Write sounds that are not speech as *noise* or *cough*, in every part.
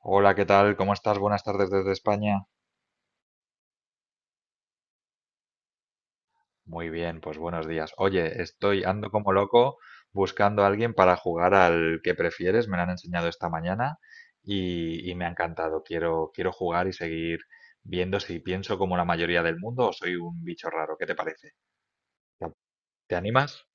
Hola, ¿qué tal? ¿Cómo estás? Buenas tardes desde España. Muy bien, pues buenos días. Oye, estoy ando como loco buscando a alguien para jugar al que prefieres. Me lo han enseñado esta mañana y me ha encantado. Quiero jugar y seguir viendo si pienso como la mayoría del mundo o soy un bicho raro. ¿Qué te parece? ¿Te te animas?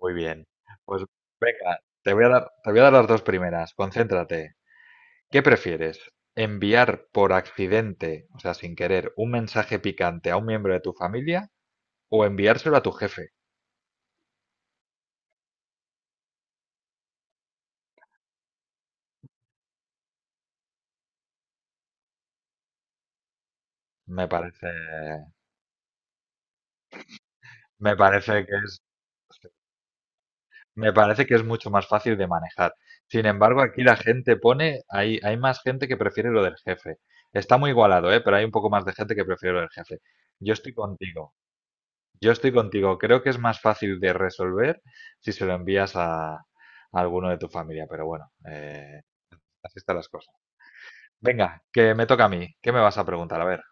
Muy bien. Pues venga, te voy a dar las dos primeras. Concéntrate. ¿Qué prefieres? ¿Enviar por accidente, o sea, sin querer, un mensaje picante a un miembro de tu familia o enviárselo a tu jefe? Me parece, me parece que es, me parece que es mucho más fácil de manejar. Sin embargo, aquí la gente pone, hay más gente que prefiere lo del jefe. Está muy igualado, ¿eh? Pero hay un poco más de gente que prefiere lo del jefe. Yo estoy contigo, yo estoy contigo. Creo que es más fácil de resolver si se lo envías a alguno de tu familia, pero bueno, así están las cosas. Venga, que me toca a mí. ¿Qué me vas a preguntar? A ver,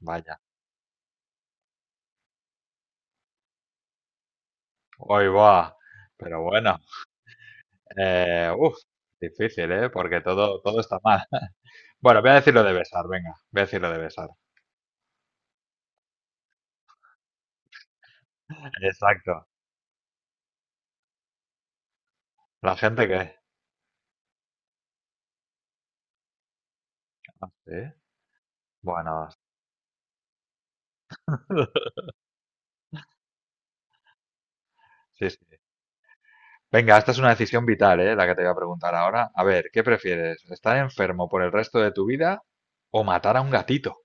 vaya. Hoy va. Pero bueno, eh, uf, difícil, ¿eh? Porque todo está mal. *laughs* Bueno, voy a decir lo de besar, venga. Voy a decir lo de besar. Exacto. La gente que... ah, ¿sí? Bueno, *laughs* sí, sí. Venga, esta es una decisión vital, ¿eh? La que te voy a preguntar ahora. A ver, ¿qué prefieres? ¿Estar enfermo por el resto de tu vida o matar a un gatito?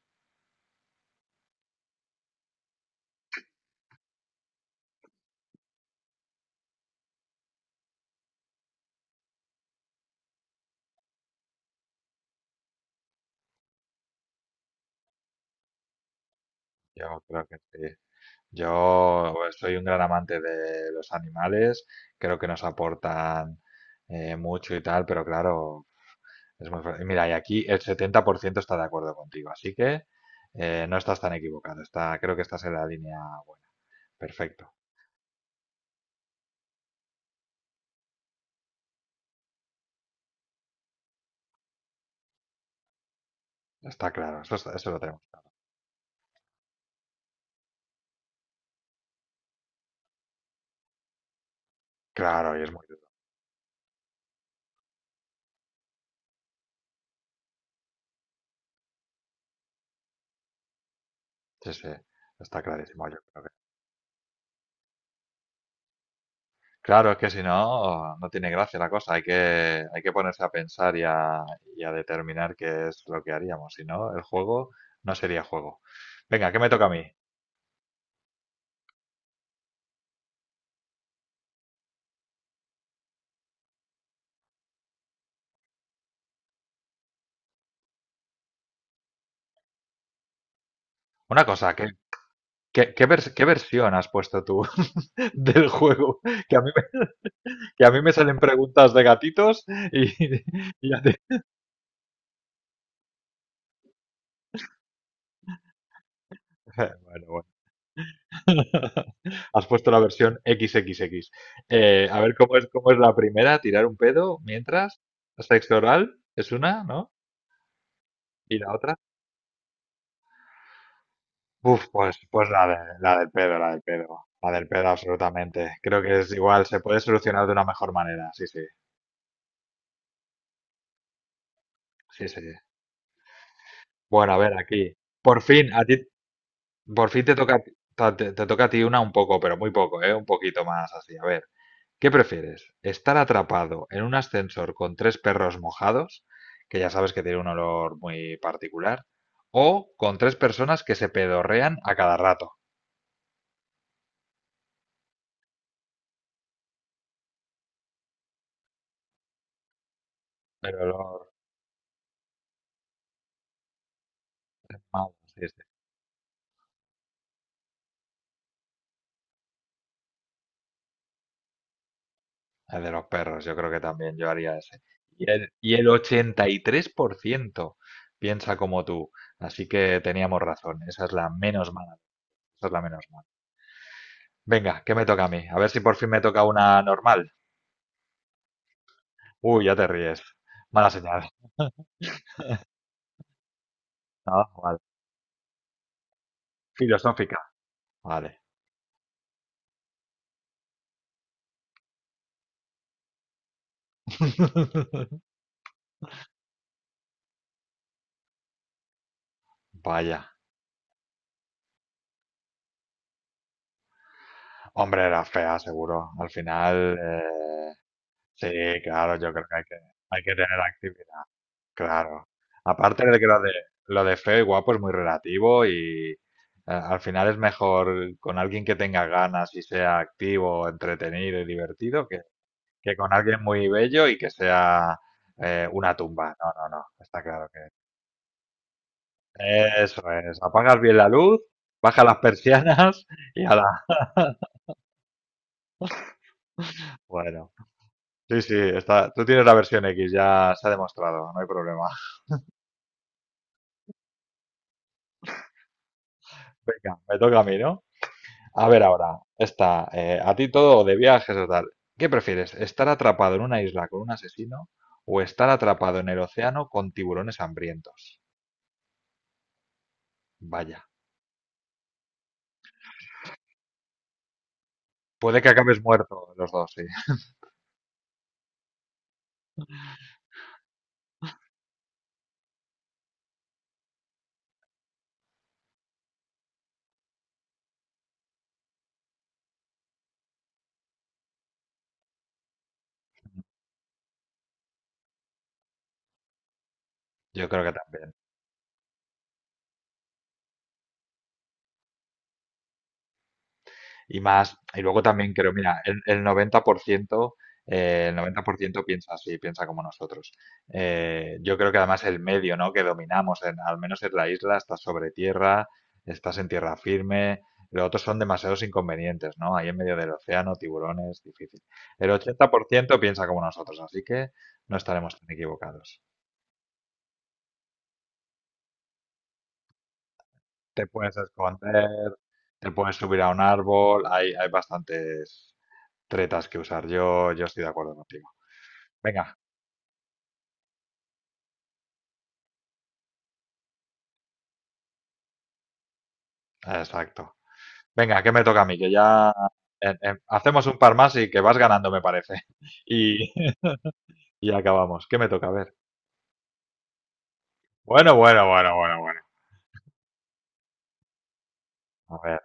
Yo creo que sí. Yo soy un gran amante de los animales, creo que nos aportan mucho y tal, pero claro, es muy... fácil. Mira, y aquí el 70% está de acuerdo contigo, así que no estás tan equivocado, está, creo que estás en la línea buena. Perfecto, está claro, eso, está- eso lo tenemos claro. Claro, y es muy duro. Sí, sí, está clarísimo, yo creo. Claro, es que si no, no tiene gracia la cosa. Hay que ponerse a pensar y a determinar qué es lo que haríamos. Si no, el juego no sería juego. Venga, ¿qué me toca a mí? Una cosa, ¿qué vers- qué versión has puesto tú *laughs* del juego? Que a mí me, que a mí me salen preguntas de gatitos y, *laughs* y ya te- *laughs* Bueno, bueno. Has puesto la versión XXX. A ver cómo es la primera, tirar un pedo mientras. Sexo oral es una, ¿no? Y la otra. Uf, pues, pues la, de- la del pedo, la del pedo, la del pedo absolutamente. Creo que es igual, se puede solucionar de una mejor manera, sí, sí. Bueno, a ver, aquí. Por fin, por fin te toca, ta- te toca a ti una un poco, pero muy poco, ¿eh? Un poquito más así. A ver, ¿qué prefieres? ¿Estar atrapado en un ascensor con tres perros mojados, que ya sabes que tiene un olor muy particular, o con tres personas que se pedorrean a cada rato? Pero olor mal, sí. El de los perros, yo creo que también yo haría ese. Y el 83% piensa como tú. Así que teníamos razón. Esa es la menos mala. Esa es la menos mala. Venga, ¿qué me toca a mí? A ver si por fin me toca una normal. Uy, ya te ríes. Mala señal. *laughs* No, vale. Filosófica. Vale. *laughs* Vaya. Hombre, era fea, seguro. Al final, sí, claro, yo creo que hay que tener actividad. Claro. Aparte de lo de feo y guapo es muy relativo y al final es mejor con alguien que tenga ganas y sea activo, entretenido y divertido que con alguien muy bello y que sea una tumba. No, no, no, está claro que... Eso es, apagas bien la luz, baja las persianas *laughs* y ala. Bueno, sí, sí, está, tú tienes la versión X, ya se ha demostrado, no hay problema. *laughs* Venga, me toca a mí, ¿no? A ver ahora, está a ti todo o de viajes o tal. ¿Qué prefieres? ¿Estar atrapado en una isla con un asesino o estar atrapado en el océano con tiburones hambrientos? Vaya, puede que acabes muerto los dos, sí. *laughs* Yo creo que también. Y más. Y luego también creo, mira, el 90% piensa así, piensa como nosotros. Yo creo que además el medio, ¿no? que dominamos, en- al menos en la isla, estás sobre tierra, estás en tierra firme. Los otros son demasiados inconvenientes, ¿no? Ahí en medio del océano, tiburones, difícil. El 80% piensa como nosotros, así que no estaremos tan equivocados. Te puedes esconder, te puedes subir a un árbol, hay bastantes tretas que usar yo, yo estoy de acuerdo contigo. Venga, exacto. Venga, que me toca a mí, que ya hacemos un par más y que vas ganando, me parece. *laughs* Y, *laughs* y acabamos. ¿Qué me toca? A ver. Bueno. A ver.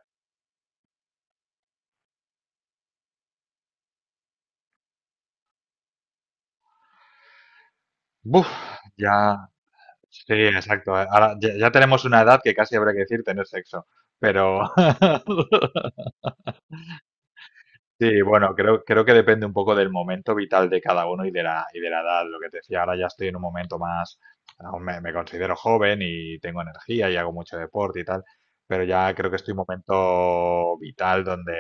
Buf, ya. Sí, exacto. Ahora ya, ya tenemos una edad que casi habría que decir tener sexo. Pero. *laughs* Sí, bueno, creo que depende un poco del momento vital de cada uno y de y de la edad. Lo que te decía, ahora ya estoy en un momento más, aún me considero joven y tengo energía y hago mucho deporte y tal, pero ya creo que estoy en un momento vital donde,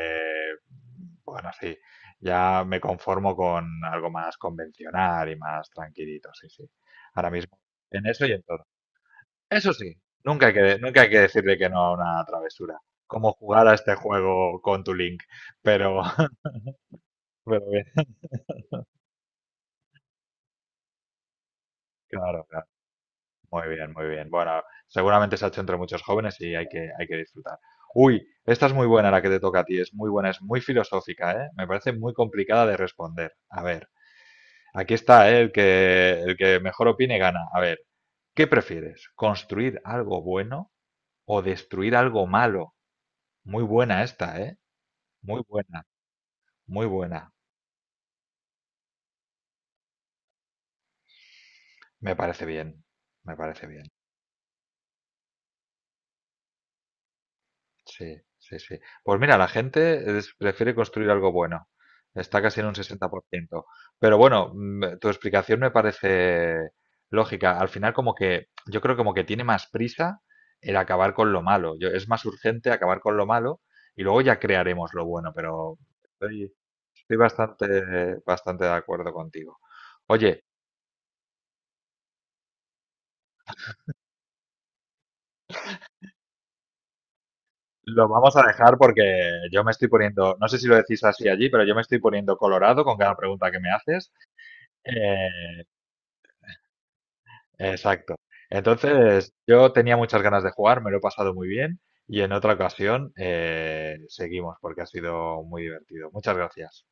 bueno, sí, ya me conformo con algo más convencional y más tranquilito, sí, sí. Ahora mismo en eso y en todo. Eso sí, nunca hay que decirle que no a una travesura, como jugar a este juego con tu link, pero, *laughs* pero bien. Claro, claro. Muy bien, muy bien. Bueno, seguramente se ha hecho entre muchos jóvenes y hay que disfrutar. Uy, esta es muy buena la que te toca a ti, es muy buena, es muy filosófica, ¿eh? Me parece muy complicada de responder. A ver, aquí está, ¿eh? El que mejor opine gana. A ver, ¿qué prefieres? ¿Construir algo bueno o destruir algo malo? Muy buena esta, ¿eh? Muy buena, muy buena. Me parece bien, me parece bien. Sí, sí, sí. Pues mira, la gente es- prefiere construir algo bueno. Está casi en un 60%. Pero bueno, tu explicación me parece lógica. Al final, como que yo creo como que tiene más prisa el acabar con lo malo. Yo, es más urgente acabar con lo malo y luego ya crearemos lo bueno. Pero estoy, estoy bastante de acuerdo contigo. Oye, lo vamos a dejar porque yo me estoy poniendo, no sé si lo decís así allí, pero yo me estoy poniendo colorado con cada pregunta que me haces. Eh, Exacto. Entonces, yo tenía muchas ganas de jugar, me lo he pasado muy bien y en otra ocasión seguimos porque ha sido muy divertido. Muchas gracias.